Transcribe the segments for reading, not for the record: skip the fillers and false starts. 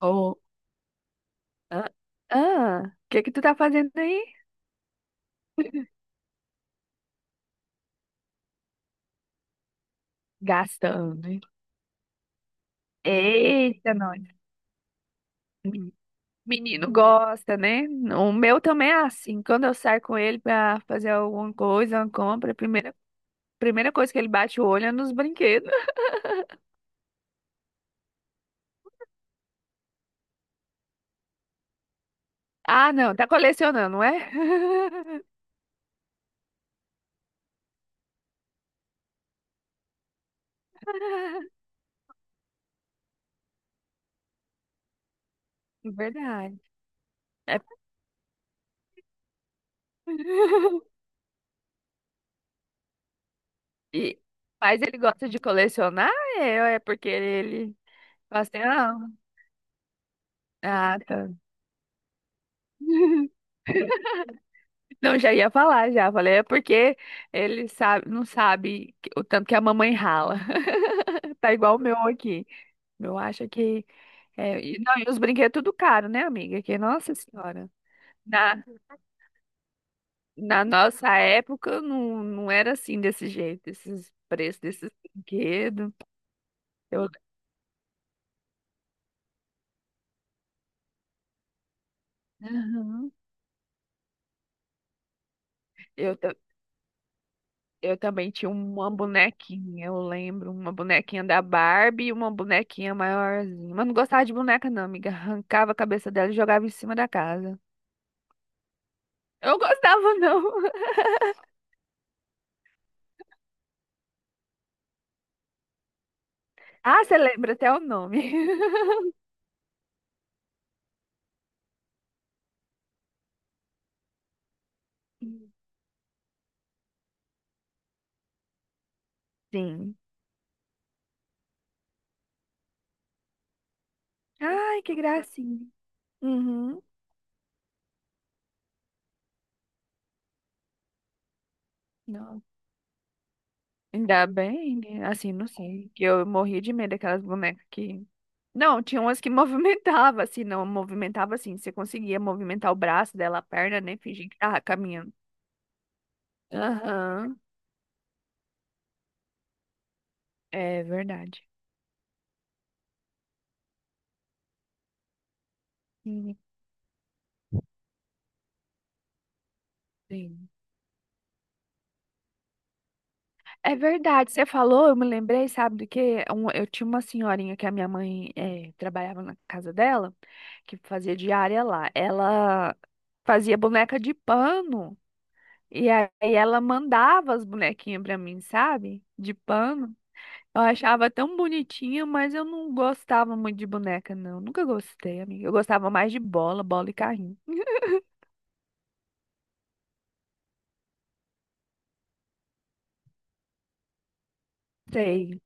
Oh, ah, o que que tu tá fazendo aí? Gastando, hein? Eita, nós. Menino gosta, né? O meu também é assim. Quando eu saio com ele pra fazer alguma coisa, uma compra, a primeira coisa que ele bate o olho é nos brinquedos. Ah, não, tá colecionando, não é? Verdade. É. E, mas ele gosta de colecionar? É porque ele fala assim, tá. Não, já ia falar, já falei, é porque ele sabe, não sabe o tanto que a mamãe rala. Tá igual o meu aqui. Eu acho que. Não, e os brinquedos tudo caro, né, amiga? Que, nossa senhora. Na, na nossa época não era assim desse jeito, esses preços desses brinquedos. Eu, Aham. Eu Eu também tinha uma bonequinha, eu lembro, uma bonequinha da Barbie e uma bonequinha maiorzinha. Mas não gostava de boneca, não, amiga. Arrancava a cabeça dela e jogava em cima da casa. Eu gostava, não. Ah, você lembra até o nome. Sim. Ai, que gracinha. Uhum. Não. Ainda bem, né? Assim, não sei, que eu morria de medo daquelas bonecas que... Não, tinha umas que movimentava, assim, não, movimentava assim, você conseguia movimentar o braço dela, a perna, né, fingir que tava caminhando. Aham, é verdade. Hum. Sim. É verdade, você falou, eu me lembrei, sabe do quê? Eu tinha uma senhorinha que a minha mãe trabalhava na casa dela, que fazia diária lá. Ela fazia boneca de pano e aí ela mandava as bonequinhas pra mim, sabe? De pano. Eu achava tão bonitinha, mas eu não gostava muito de boneca, não. Nunca gostei, amiga. Eu gostava mais de bola, bola e carrinho. Sei.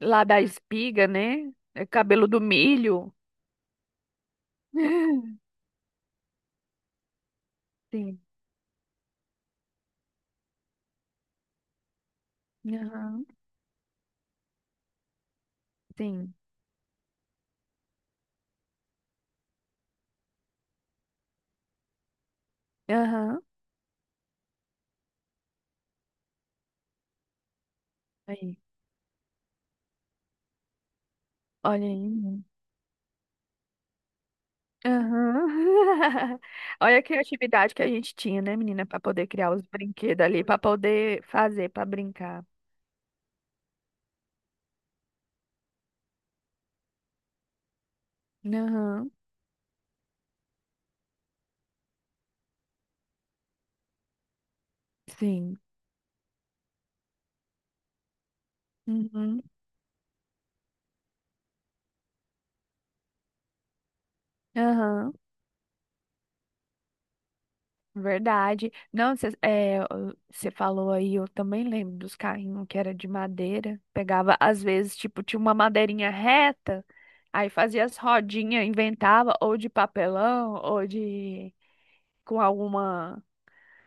Lá da espiga, né? É cabelo do milho. Sim. Aham. Sim. Aham. Aí. Olha aí, menina. Aham. Olha a criatividade que a gente tinha, né, menina, para poder criar os brinquedos ali, para poder fazer, para brincar. Aham. Sim. Uhum. Aham. Verdade. Não, você falou aí, eu também lembro dos carrinhos que era de madeira. Pegava, às vezes, tipo, tinha uma madeirinha reta. Aí fazia as rodinhas, inventava ou de papelão ou de com alguma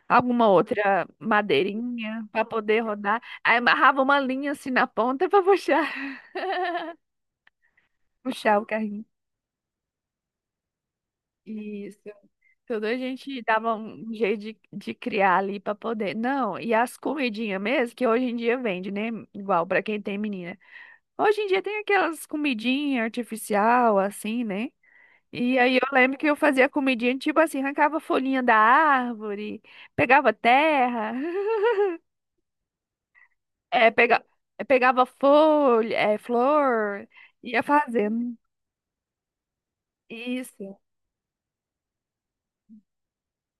alguma outra madeirinha para poder rodar. Aí amarrava uma linha assim na ponta para puxar, puxar o carrinho. Isso. Tudo a gente dava um jeito de criar ali para poder. Não, e as comidinhas mesmo, que hoje em dia vende, né? Igual para quem tem menina. Hoje em dia tem aquelas comidinhas artificial assim, né? E aí eu lembro que eu fazia comidinha, tipo assim, arrancava folhinha da árvore, pegava terra, é, pega, pegava folha, flor, ia fazendo. Isso,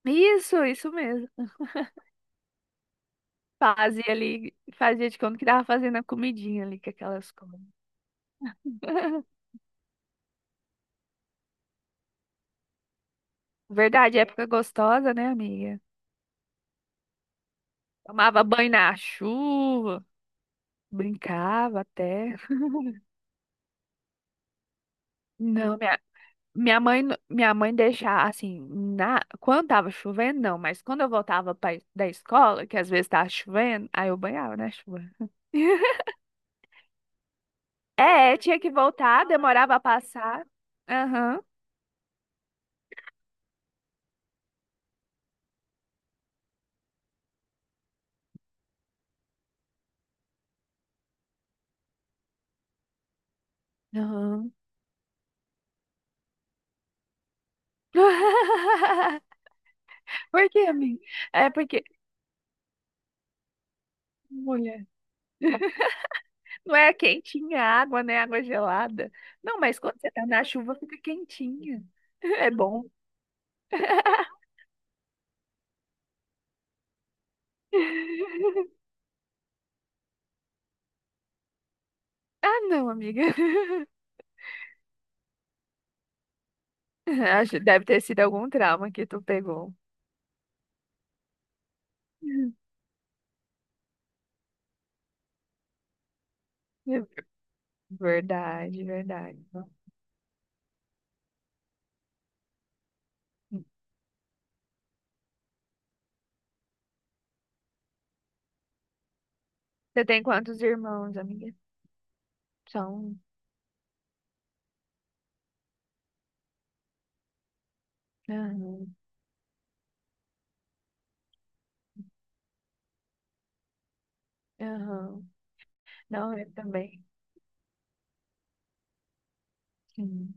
isso mesmo. Fazia ali, fazia de conta que tava fazendo a comidinha ali com aquelas coisas. Verdade, época gostosa, né, amiga? Tomava banho na chuva, brincava até. Não, minha mãe deixava assim, quando tava chovendo, não, mas quando eu voltava da escola, que às vezes tava chovendo, aí eu banhava na chuva. É, tinha que voltar, demorava a passar. Aham. Aham. Por quê, amiga? É porque, mulher, não é quentinha a água, né? Água gelada. Não, mas quando você tá na chuva, fica quentinha. É bom. Ah, não, amiga. Deve ter sido algum trauma que tu pegou. Verdade, verdade. Você tem quantos irmãos, amiga? Só um. Aham, aham. Não, eu também. Sim.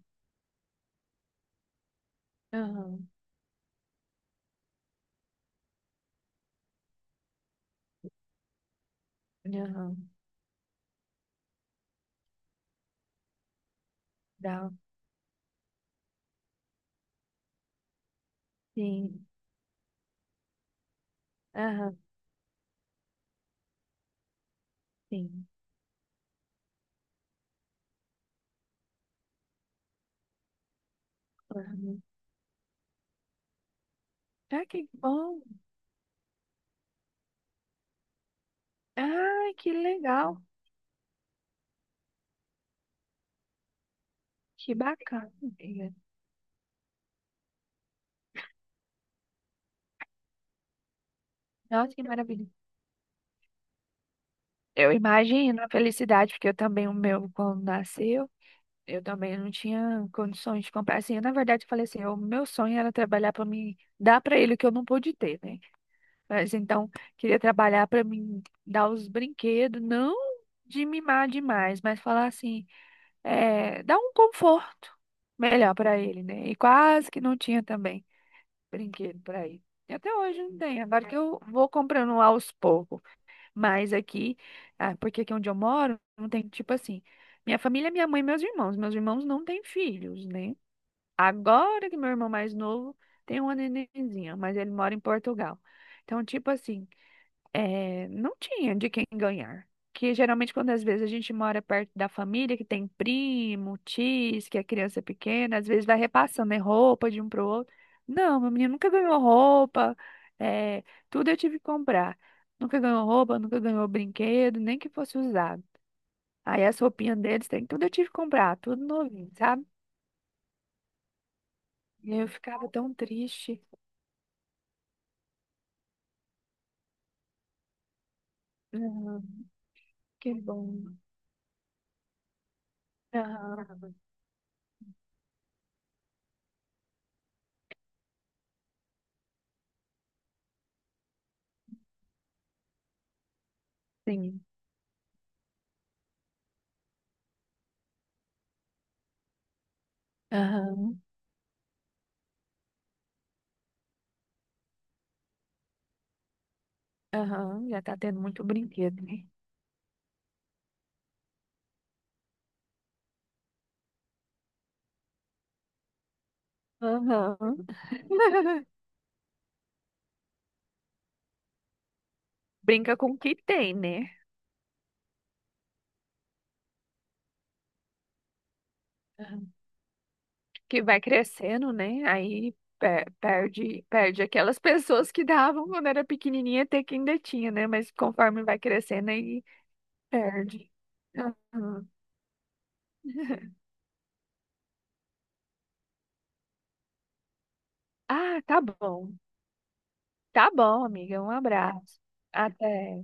Aham, aham. Dá. Um Sim. Aham, sim. Aham. Ah, que bom. Ai, que legal. Que bacana, amiga. Nossa, que maravilha. Eu imagino a felicidade, porque eu também, o meu, quando nasceu. Eu também não tinha condições de comprar. Assim, eu, na verdade, eu falei assim, o meu sonho era trabalhar para mim, dar para ele o que eu não pude ter, né? Mas então, queria trabalhar para mim dar os brinquedos, não de mimar demais, mas falar assim, é, dar um conforto melhor para ele, né? E quase que não tinha também brinquedo para ele. E até hoje não tem. Agora que eu vou comprando aos poucos. Mas aqui, ah, porque aqui onde eu moro, não tem, tipo assim, minha família, é minha mãe e meus irmãos. Meus irmãos não têm filhos, né? Agora que meu irmão mais novo tem uma nenenzinha, mas ele mora em Portugal. Então, tipo assim, é, não tinha de quem ganhar. Que geralmente, quando às vezes a gente mora perto da família, que tem primo, tios, que a criança é pequena, às vezes vai repassando, né, roupa de um pro outro. Não, meu menino nunca ganhou roupa, é, tudo eu tive que comprar. Nunca ganhou roupa, nunca ganhou brinquedo, nem que fosse usado. Aí as roupinhas deles, tem, tudo eu tive que comprar, tudo novinho, sabe? E eu ficava tão triste. Aham, que bom. Aham, sim. Aham. Aham, já tá tendo muito brinquedo, né? Aham. Brinca com o que tem, né? Aham. Que vai crescendo, né? Aí perde aquelas pessoas que davam quando era pequenininha, até que ainda tinha, né? Mas conforme vai crescendo, aí perde. Aham. Ah, tá bom. Tá bom, amiga. Um abraço. Até.